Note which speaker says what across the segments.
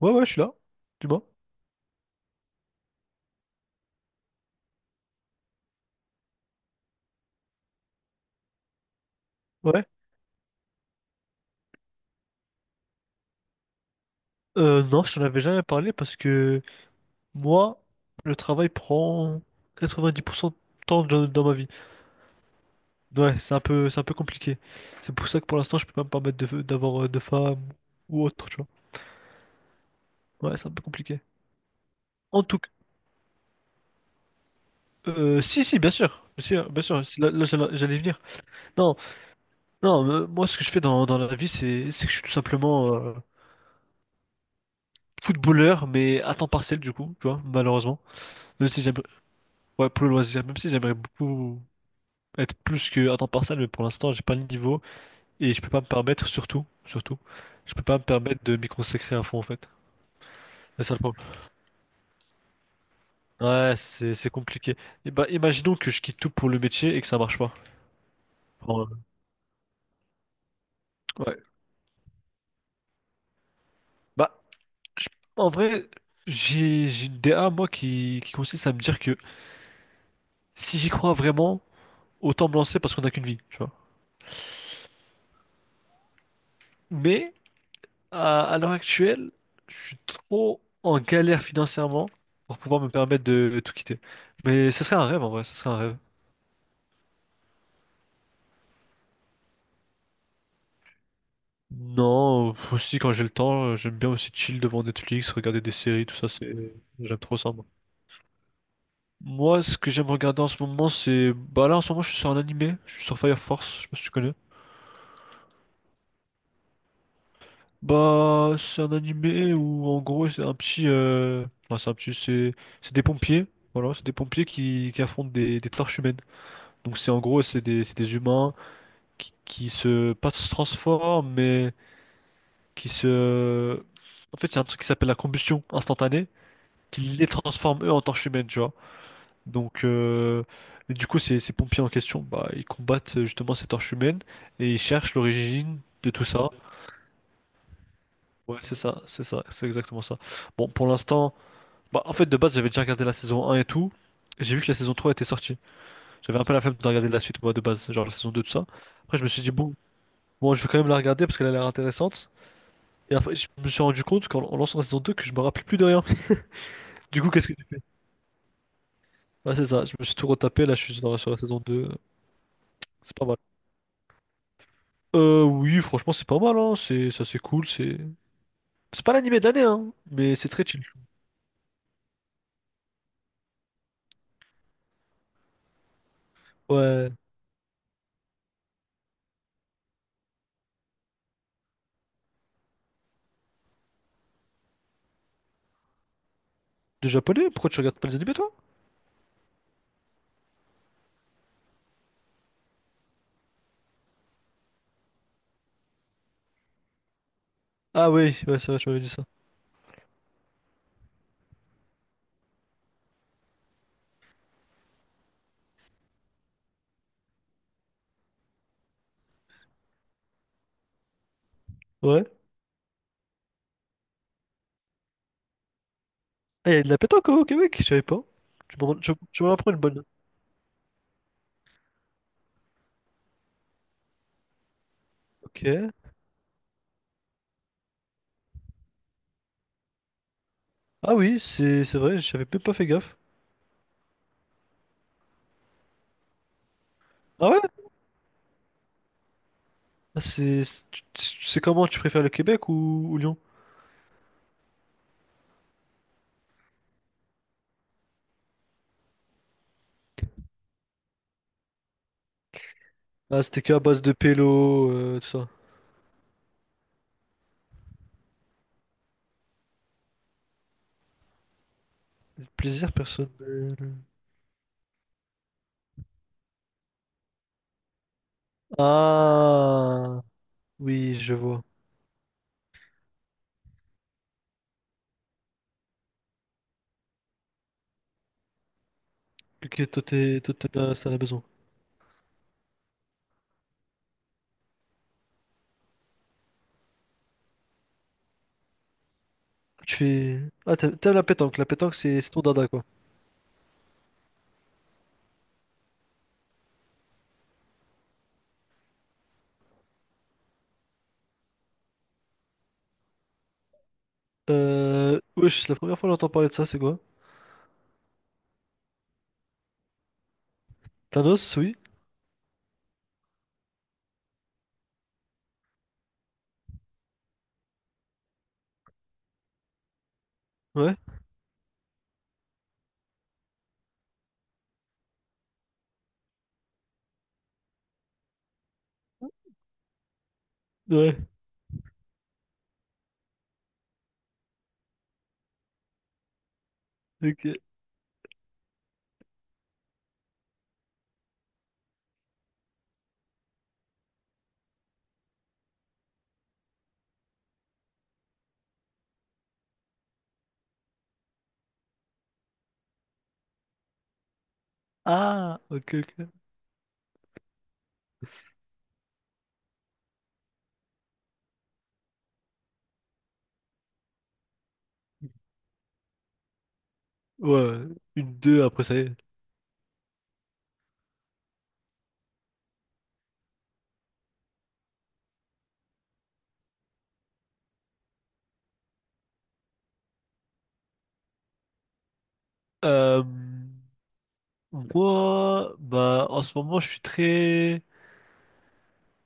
Speaker 1: Ouais, ouais, je suis là. Dis-moi. Ouais. Non, je t'en avais jamais parlé parce que moi, le travail prend 90% de temps dans ma vie. Ouais, c'est un peu compliqué. C'est pour ça que pour l'instant, je peux pas me permettre d'avoir de femme ou autre, tu vois. Ouais, c'est un peu compliqué. En tout cas, si, si, bien sûr. Si, hein, bien sûr, si, là, là, j'allais y venir. Non, non, moi, ce que je fais dans la vie, c'est que je suis tout simplement footballeur, mais à temps partiel, du coup, tu vois, malheureusement. Même si j'aimerais, ouais, pour le loisir, même si j'aimerais beaucoup. Être plus que à temps partiel, mais pour l'instant, j'ai pas le niveau et je peux pas me permettre, surtout, surtout, je peux pas me permettre de m'y consacrer à fond en fait. C'est ça le problème. Ouais, c'est compliqué. Et bah, imaginons que je quitte tout pour le métier et que ça marche pas. Bon, ouais. Bah, je- En vrai, j'ai une DA moi qui consiste à me dire que si j'y crois vraiment, autant me lancer parce qu'on n'a qu'une vie, tu vois. Mais À, à l'heure actuelle, je suis trop en galère financièrement pour pouvoir me permettre de tout quitter. Mais ce serait un rêve en vrai, ce serait un rêve. Non, aussi quand j'ai le temps, j'aime bien aussi chill devant Netflix, regarder des séries, tout ça, c'est j'aime trop ça moi. Moi, ce que j'aime regarder en ce moment, c'est bah là en ce moment, je suis sur un animé, je suis sur Fire Force, je sais pas si tu connais. Bah, c'est un animé où en gros, c'est un petit enfin, c'est un petit c'est des pompiers, voilà, c'est des pompiers qui affrontent des torches humaines. Donc c'est en gros c'est des humains qui se pas se transforment mais qui se en fait il y a un truc qui s'appelle la combustion instantanée qui les transforme eux en torches humaines tu vois. Donc et du coup ces, ces pompiers en question bah ils combattent justement ces torches humaines et ils cherchent l'origine de tout ça. Ouais c'est ça c'est exactement ça. Bon pour l'instant bah en fait de base j'avais déjà regardé la saison un et tout. J'ai vu que la saison 3 était sortie. J'avais un peu la flemme de regarder la suite moi de base genre la saison 2 tout ça. Après je me suis dit bon. Bon, je vais quand même la regarder parce qu'elle a l'air intéressante. Et après, je me suis rendu compte qu'en en lançant la saison 2, que je me rappelais plus de rien. Du coup, qu'est-ce que tu fais? Ah, c'est ça, je me suis tout retapé. Là, je suis sur la saison 2. C'est pas mal. Oui, franchement, c'est pas mal, hein. C'est ça, c'est cool. C'est pas l'animé de l'année, hein. Mais c'est très chill. Ouais. De japonais? Pourquoi tu regardes pas les animés, toi? Ah, oui, ouais, c'est vrai, tu m'avais dit ça. Ouais. Ah, il y a de la pétanque hein, au Québec, je savais pas. Tu m'en apprends une bonne. Ok. Ah, oui, c'est vrai, j'avais même pas fait gaffe. Ah, ouais? Tu sais comment tu préfères le Québec ou Lyon? Ah, c'était qu'à base de pélo, tout ça. Plaisir personnel. Ah, oui, je vois. Ok, toi, t'en as besoin. Tu fais... Ah, t'aimes la pétanque. La pétanque, c'est ton dada, quoi. Wesh, c'est la première fois que j'entends parler de ça, c'est quoi? Thanos, oui? Ouais? Ouais. Ok. Ah, ok, ok. Ouais, une, deux, après, ça y est. Euh... Moi, bah, en ce moment, je suis très...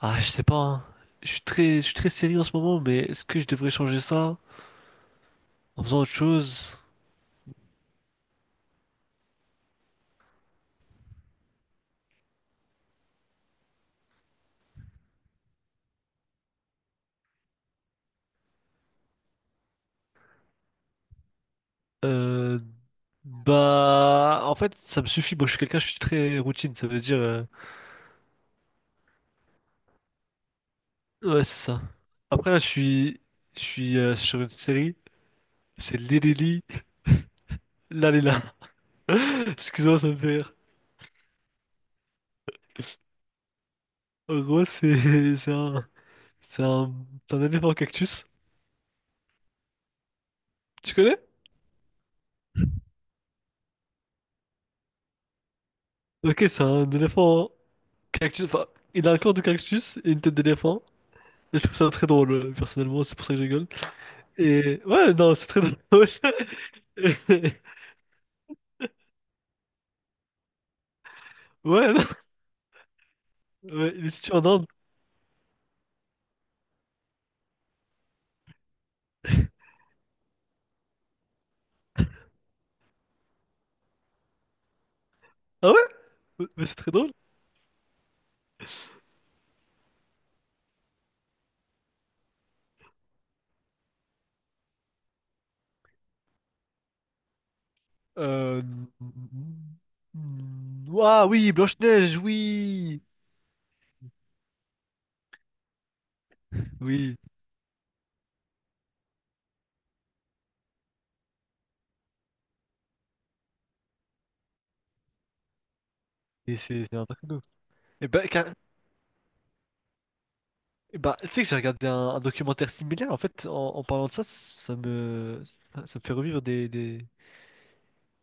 Speaker 1: Ah, je sais pas, hein. Je suis très sérieux en ce moment, mais est-ce que je devrais changer ça en faisant autre chose? Euh, Bah, en fait, ça me suffit. Moi, je suis quelqu'un, je suis très routine. Ça veut dire, ouais, c'est ça. Après, là, je suis sur une série. C'est Lelili, là, là, là. Excuse-moi, ça me fait rire. En gros, c'est, c'est un, c'est un éléphant cactus. Tu connais? Ok, c'est un éléphant cactus. Enfin, il a un corps de cactus et une tête d'éléphant. Et je trouve ça très drôle, personnellement, c'est pour ça que je rigole. Et ouais, non, c'est très drôle. Et- ouais, non, ouais, il est situé en Inde. Ah ouais? Mais c'est très drôle. Euh... Ah oui, Blanche-Neige, oui! Oui, et c'est un truc de ouf. Et bah, car... et bah, tu sais que j'ai regardé un documentaire similaire, en fait, en parlant de ça, ça, ça me fait revivre des, des,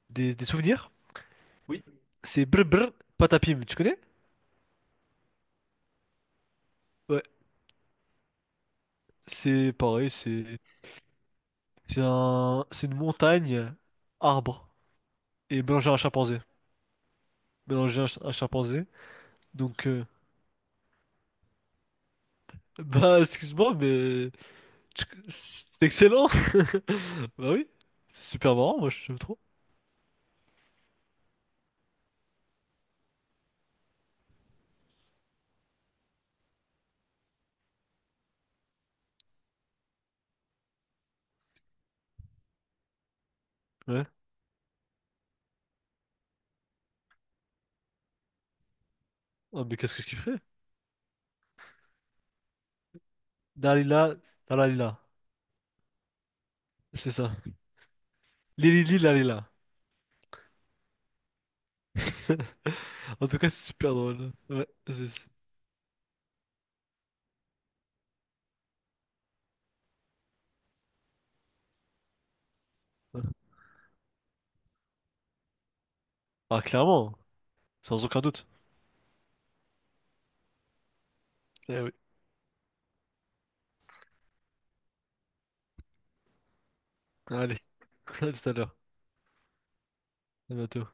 Speaker 1: des, des souvenirs. Oui. C'est Brr Brr Patapim, tu connais? Ouais, c'est pareil, c'est. C'est un... c'est une montagne, arbre, et mélanger à un chimpanzé. Mélanger à un, un chimpanzé. Donc, bah, excuse-moi, mais c'est excellent. Bah oui, c'est super marrant, moi, j'aime trop. Ouais. Ah, mais qu'est-ce que je kifferais? Dalila, Dalalila, c'est ça. Lili Lalila. En tout cas, c'est super drôle. Ouais, c'est... ça. Ah, clairement, sans aucun doute. Eh oui. Allez, à tout à l'heure. À bientôt.